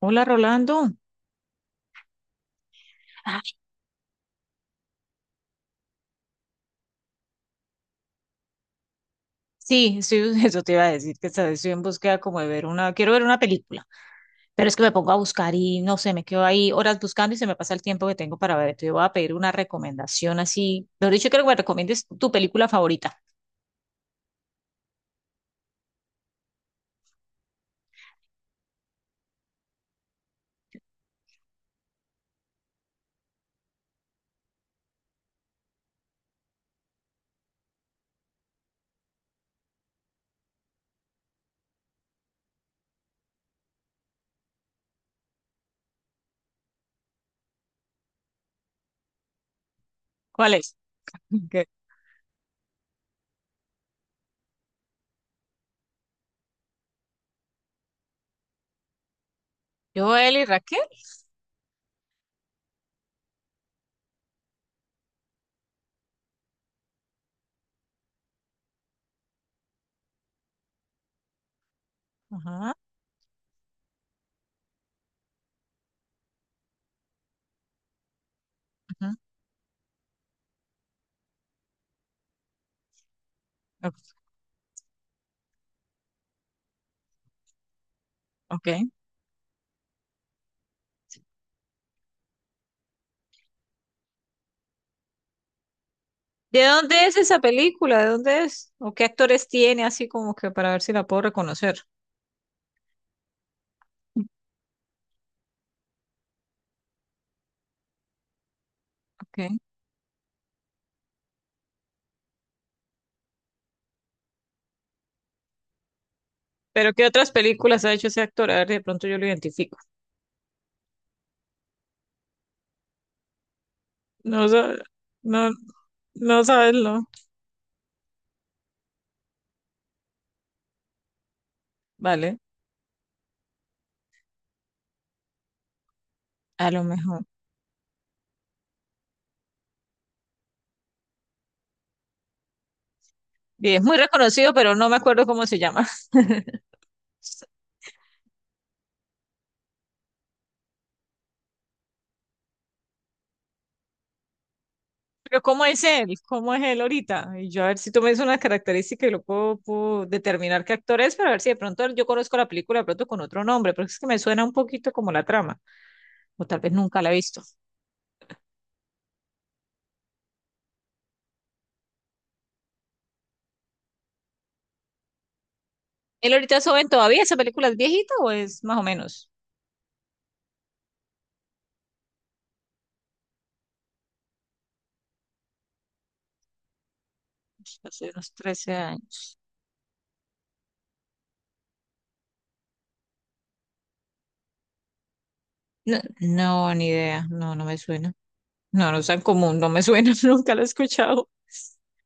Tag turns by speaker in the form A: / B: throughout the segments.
A: Hola Rolando. Ah, sí, eso te iba a decir que esta vez estoy en búsqueda como de ver una, quiero ver una película, pero es que me pongo a buscar y no sé, me quedo ahí horas buscando y se me pasa el tiempo que tengo para ver. Entonces voy a pedir una recomendación así. Mejor dicho, quiero que me recomiendes tu película favorita. ¿Cuál es? Ok. Yo, y Raquel. Ajá, ajá. Ok. Ok. ¿De dónde es esa película? ¿De dónde es? ¿O qué actores tiene? Así como que para ver si la puedo reconocer. Ok. Pero ¿qué otras películas ha hecho ese actor? A ver, de pronto yo lo identifico. No, sa- no, no sabes, no. Vale, a lo mejor. Y es muy reconocido, pero no me acuerdo cómo se llama. Pero ¿cómo es él? ¿Cómo es él ahorita? Y yo a ver si tú me dices una característica y lo puedo, puedo determinar qué actor es, para ver si de pronto yo conozco la película de pronto con otro nombre, pero es que me suena un poquito como la trama, o tal vez nunca la he visto. ¿Él ahorita es joven todavía? ¿Esa película es viejita o es más o menos? Hace unos 13 años. No, no, ni idea. No, no me suena. No, no es tan común, no me suena, nunca lo he escuchado.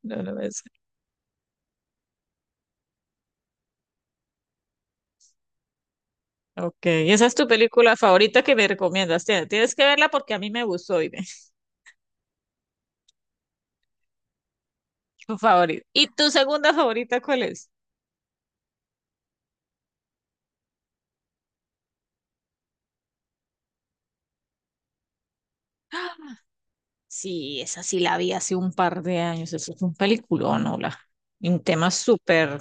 A: No, no me suena. Ok, y esa es tu película favorita que me recomiendas. Tienes que verla porque a mí me gustó y tu favorita. ¿Y tu segunda favorita cuál es? Sí, esa sí la vi hace un par de años. Eso es un peliculón, hola. Y un tema súper.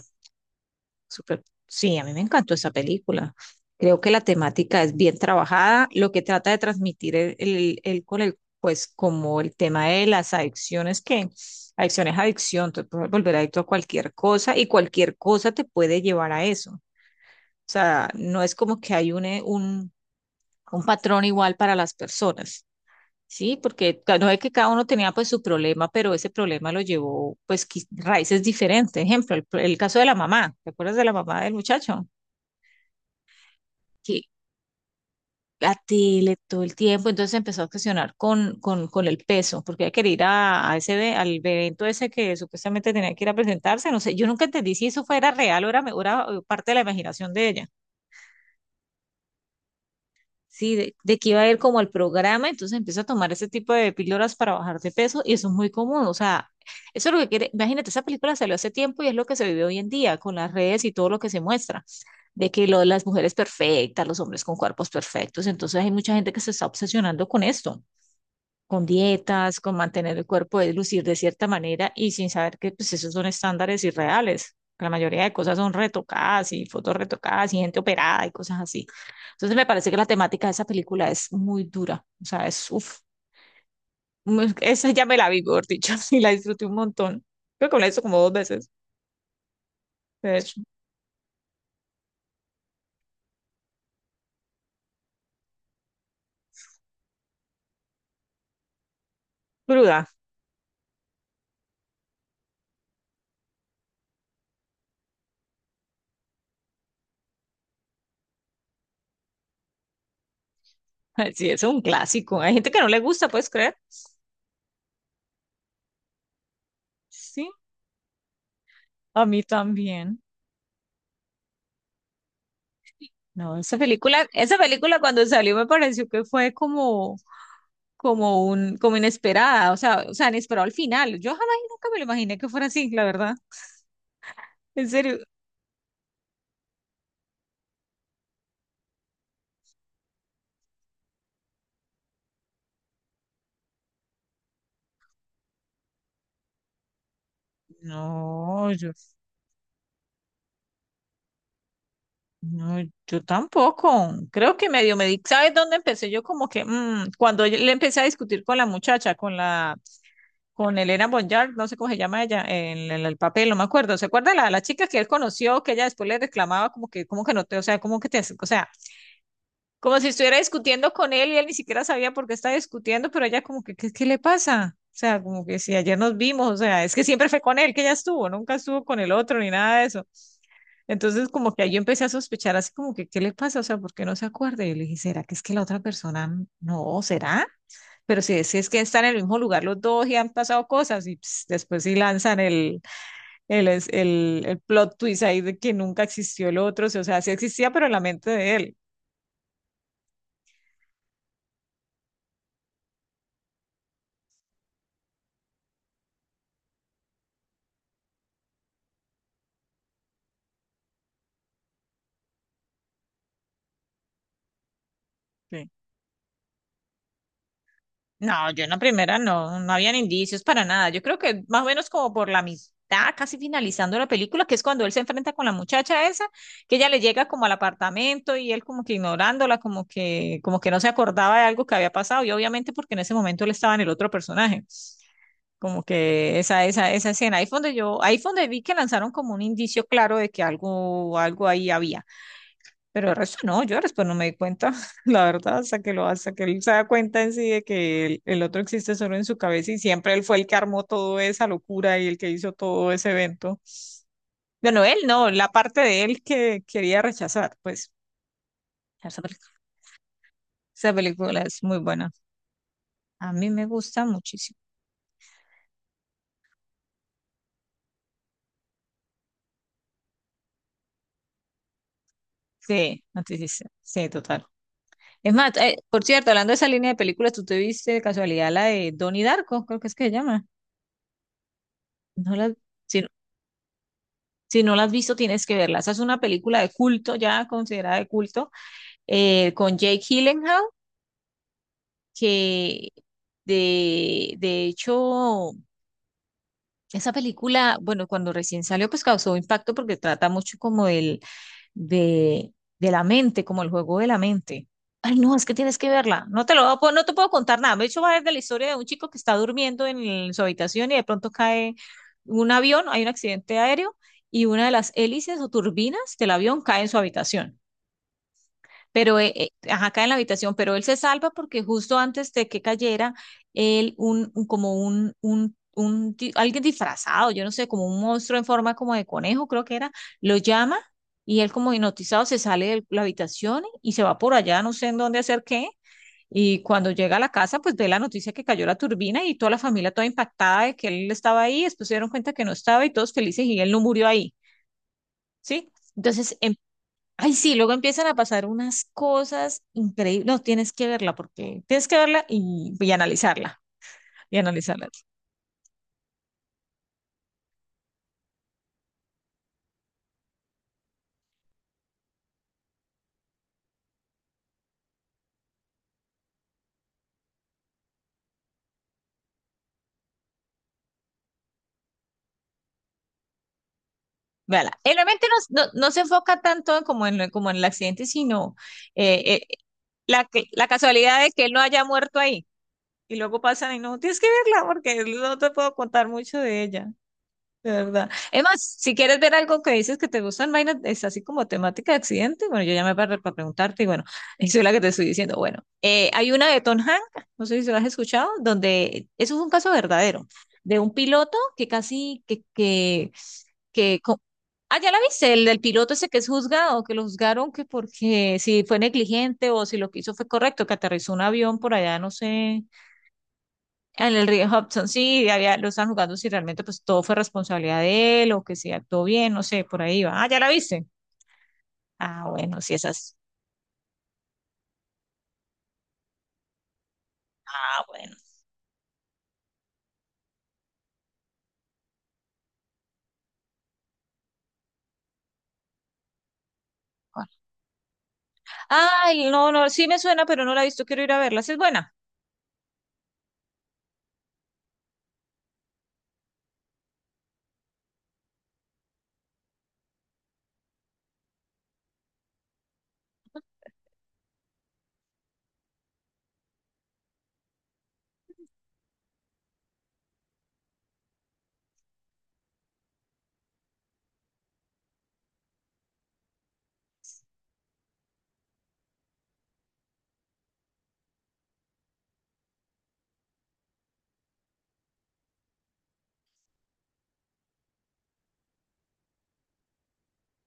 A: Súper. Sí, a mí me encantó esa película. Creo que la temática es bien trabajada. Lo que trata de transmitir el con el, pues, como el tema de las adicciones, que adicción es adicción, te puedes volver adicto a cualquier cosa y cualquier cosa te puede llevar a eso. O sea, no es como que hay un patrón igual para las personas, ¿sí? Porque no es que cada uno tenía pues su problema, pero ese problema lo llevó pues raíces diferentes. Ejemplo, el caso de la mamá. ¿Te acuerdas de la mamá del muchacho? Que la tele todo el tiempo, entonces se empezó a obsesionar con el peso, porque ella que ir a ese al evento ese que supuestamente tenía que ir a presentarse, no sé, yo nunca entendí si eso fuera real o era, o era parte de la imaginación de ella, sí, de que iba a ir como al programa, entonces empieza a tomar ese tipo de píldoras para bajar de peso y eso es muy común, o sea, eso es lo que quiere, imagínate, esa película salió hace tiempo y es lo que se vive hoy en día con las redes y todo lo que se muestra de que lo, las mujeres perfectas, los hombres con cuerpos perfectos. Entonces hay mucha gente que se está obsesionando con esto. Con dietas, con mantener el cuerpo de lucir de cierta manera y sin saber que pues esos son estándares irreales. La mayoría de cosas son retocadas y fotos retocadas y gente operada y cosas así. Entonces me parece que la temática de esa película es muy dura. O sea, es, uff, esa ya me la vi, por dicho, y la disfruté un montón. Creo que me la he visto como 2 veces. Es cruda. Sí, es un clásico. Hay gente que no le gusta, ¿puedes creer? Sí, a mí también. No, esa película cuando salió me pareció que fue como, como un, como inesperada, o sea, inesperado al final. Yo jamás y nunca me lo imaginé que fuera así, la verdad. En serio. No, yo, no, yo tampoco. Creo que medio me di, ¿sabes dónde empecé? Yo como que, cuando yo le empecé a discutir con la muchacha, con la, con Elena Bonjour, no sé cómo se llama ella, en, el papel, no me acuerdo. ¿Se acuerda la chica que él conoció, que ella después le reclamaba como que no te, o sea, como que te, o sea, como si estuviera discutiendo con él y él ni siquiera sabía por qué estaba discutiendo, pero ella como que, ¿ qué le pasa? O sea, como que si ayer nos vimos, o sea, es que siempre fue con él que ella estuvo, nunca estuvo con el otro ni nada de eso. Entonces como que ahí yo empecé a sospechar así como que, ¿qué le pasa? O sea, ¿por qué no se acuerda? Y le dije, ¿será que es que la otra persona no? ¿Será? Pero si es, si es que están en el mismo lugar los dos y han pasado cosas y ps, después sí lanzan el plot twist ahí de que nunca existió el otro, o sea, sí existía, pero en la mente de él. Sí. No, yo en la primera no, no habían indicios para nada. Yo creo que más o menos como por la mitad, casi finalizando la película, que es cuando él se enfrenta con la muchacha esa, que ella le llega como al apartamento y él como que ignorándola, como que no se acordaba de algo que había pasado. Y obviamente porque en ese momento él estaba en el otro personaje. Como que esa escena. Ahí fue donde yo, ahí fue donde vi que lanzaron como un indicio claro de que algo, algo ahí había. Pero el resto no, yo después no me di cuenta, la verdad, hasta que lo, hasta que él se da cuenta en sí de que el otro existe solo en su cabeza y siempre él fue el que armó toda esa locura y el que hizo todo ese evento. Bueno, él no, la parte de él que quería rechazar, pues esa pel- esa película es muy buena. A mí me gusta muchísimo. Sí, no te. Sí, total. Es más, por cierto, hablando de esa línea de películas, ¿tú te viste de casualidad la de Donnie Darko? Creo que es que se llama. No la, si Si no la has visto, tienes que verla. Esa es una película de culto, ya considerada de culto, con Jake Gyllenhaal, que de hecho esa película, bueno, cuando recién salió, pues causó impacto porque trata mucho como del, de, de la mente, como el juego de la mente. Ay, no, es que tienes que verla. No te lo voy a no te puedo contar nada. De hecho, va desde la historia de un chico que está durmiendo en su habitación y de pronto cae un avión, hay un accidente aéreo y una de las hélices o turbinas del avión cae en su habitación, pero ajá, acá en la habitación, pero él se salva porque justo antes de que cayera, él, un, como un, alguien disfrazado, yo no sé, como un monstruo en forma como de conejo, creo que era, lo llama y él como hipnotizado se sale de la habitación y se va por allá, no sé en dónde hacer qué. Y cuando llega a la casa, pues ve la noticia que cayó la turbina y toda la familia toda impactada de que él estaba ahí, después se dieron cuenta que no estaba y todos felices y él no murió ahí, ¿sí? Entonces, em- Ay, sí, luego empiezan a pasar unas cosas increíbles. No, tienes que verla porque tienes que verla y analizarla. Y analizarla. Véala. Realmente no, no se enfoca tanto en como en, como en el accidente, sino eh, eh, la, la casualidad de que él no haya muerto ahí. Y luego pasan y no, tienes que verla porque no te puedo contar mucho de ella. De verdad. Es más, si quieres ver algo que dices que te gustan vainas, es así como temática de accidente. Bueno, yo llamé para preguntarte y bueno, eso es la que te estoy diciendo. Bueno, hay una de Tom Hanks, no sé si lo has escuchado, donde eso es un caso verdadero, de un piloto que casi, que, que co- ah, ya la viste, el del piloto ese que es juzgado, que lo juzgaron que porque si fue negligente o si lo que hizo fue correcto, que aterrizó un avión por allá, no sé, en el río Hudson, sí, había, lo están jugando si realmente pues todo fue responsabilidad de él o que si actuó bien, no sé, por ahí va. Ah, ¿ya la viste? Ah, bueno, sí, esas. Ah, bueno. Ay, no, no, sí me suena, pero no la he visto, quiero ir a verla. Sí es buena.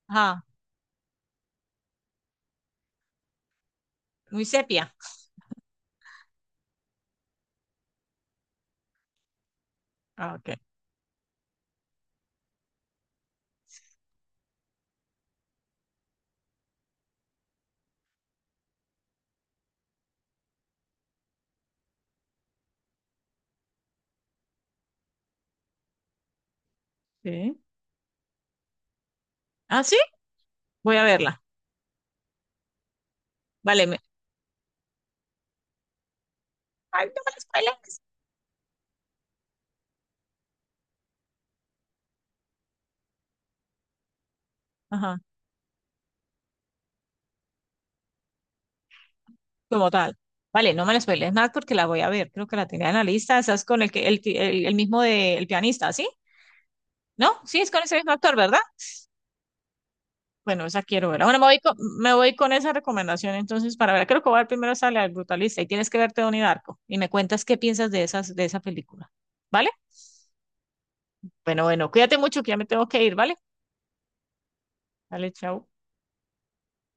A: Ah, muy sepia. Ah, ok. Sí. Ah, sí, voy a verla. Vale, me... Ay, no me la spoilees. Ajá, como tal. Vale, no me la spoilees más porque la voy a ver. Creo que la tenía en la lista. Esa es con el que el mismo de el pianista, ¿sí? ¿No? Sí, es con ese mismo actor, ¿verdad? Bueno, esa quiero ver. Bueno, me voy con esa recomendación entonces para ver. Creo que voy a ver primero esa la del Brutalista y tienes que verte Donnie Darko y me cuentas qué piensas de esas, de esa película. ¿Vale? Bueno, bueno, cuídate mucho que ya me tengo que ir, ¿vale? Dale, chao.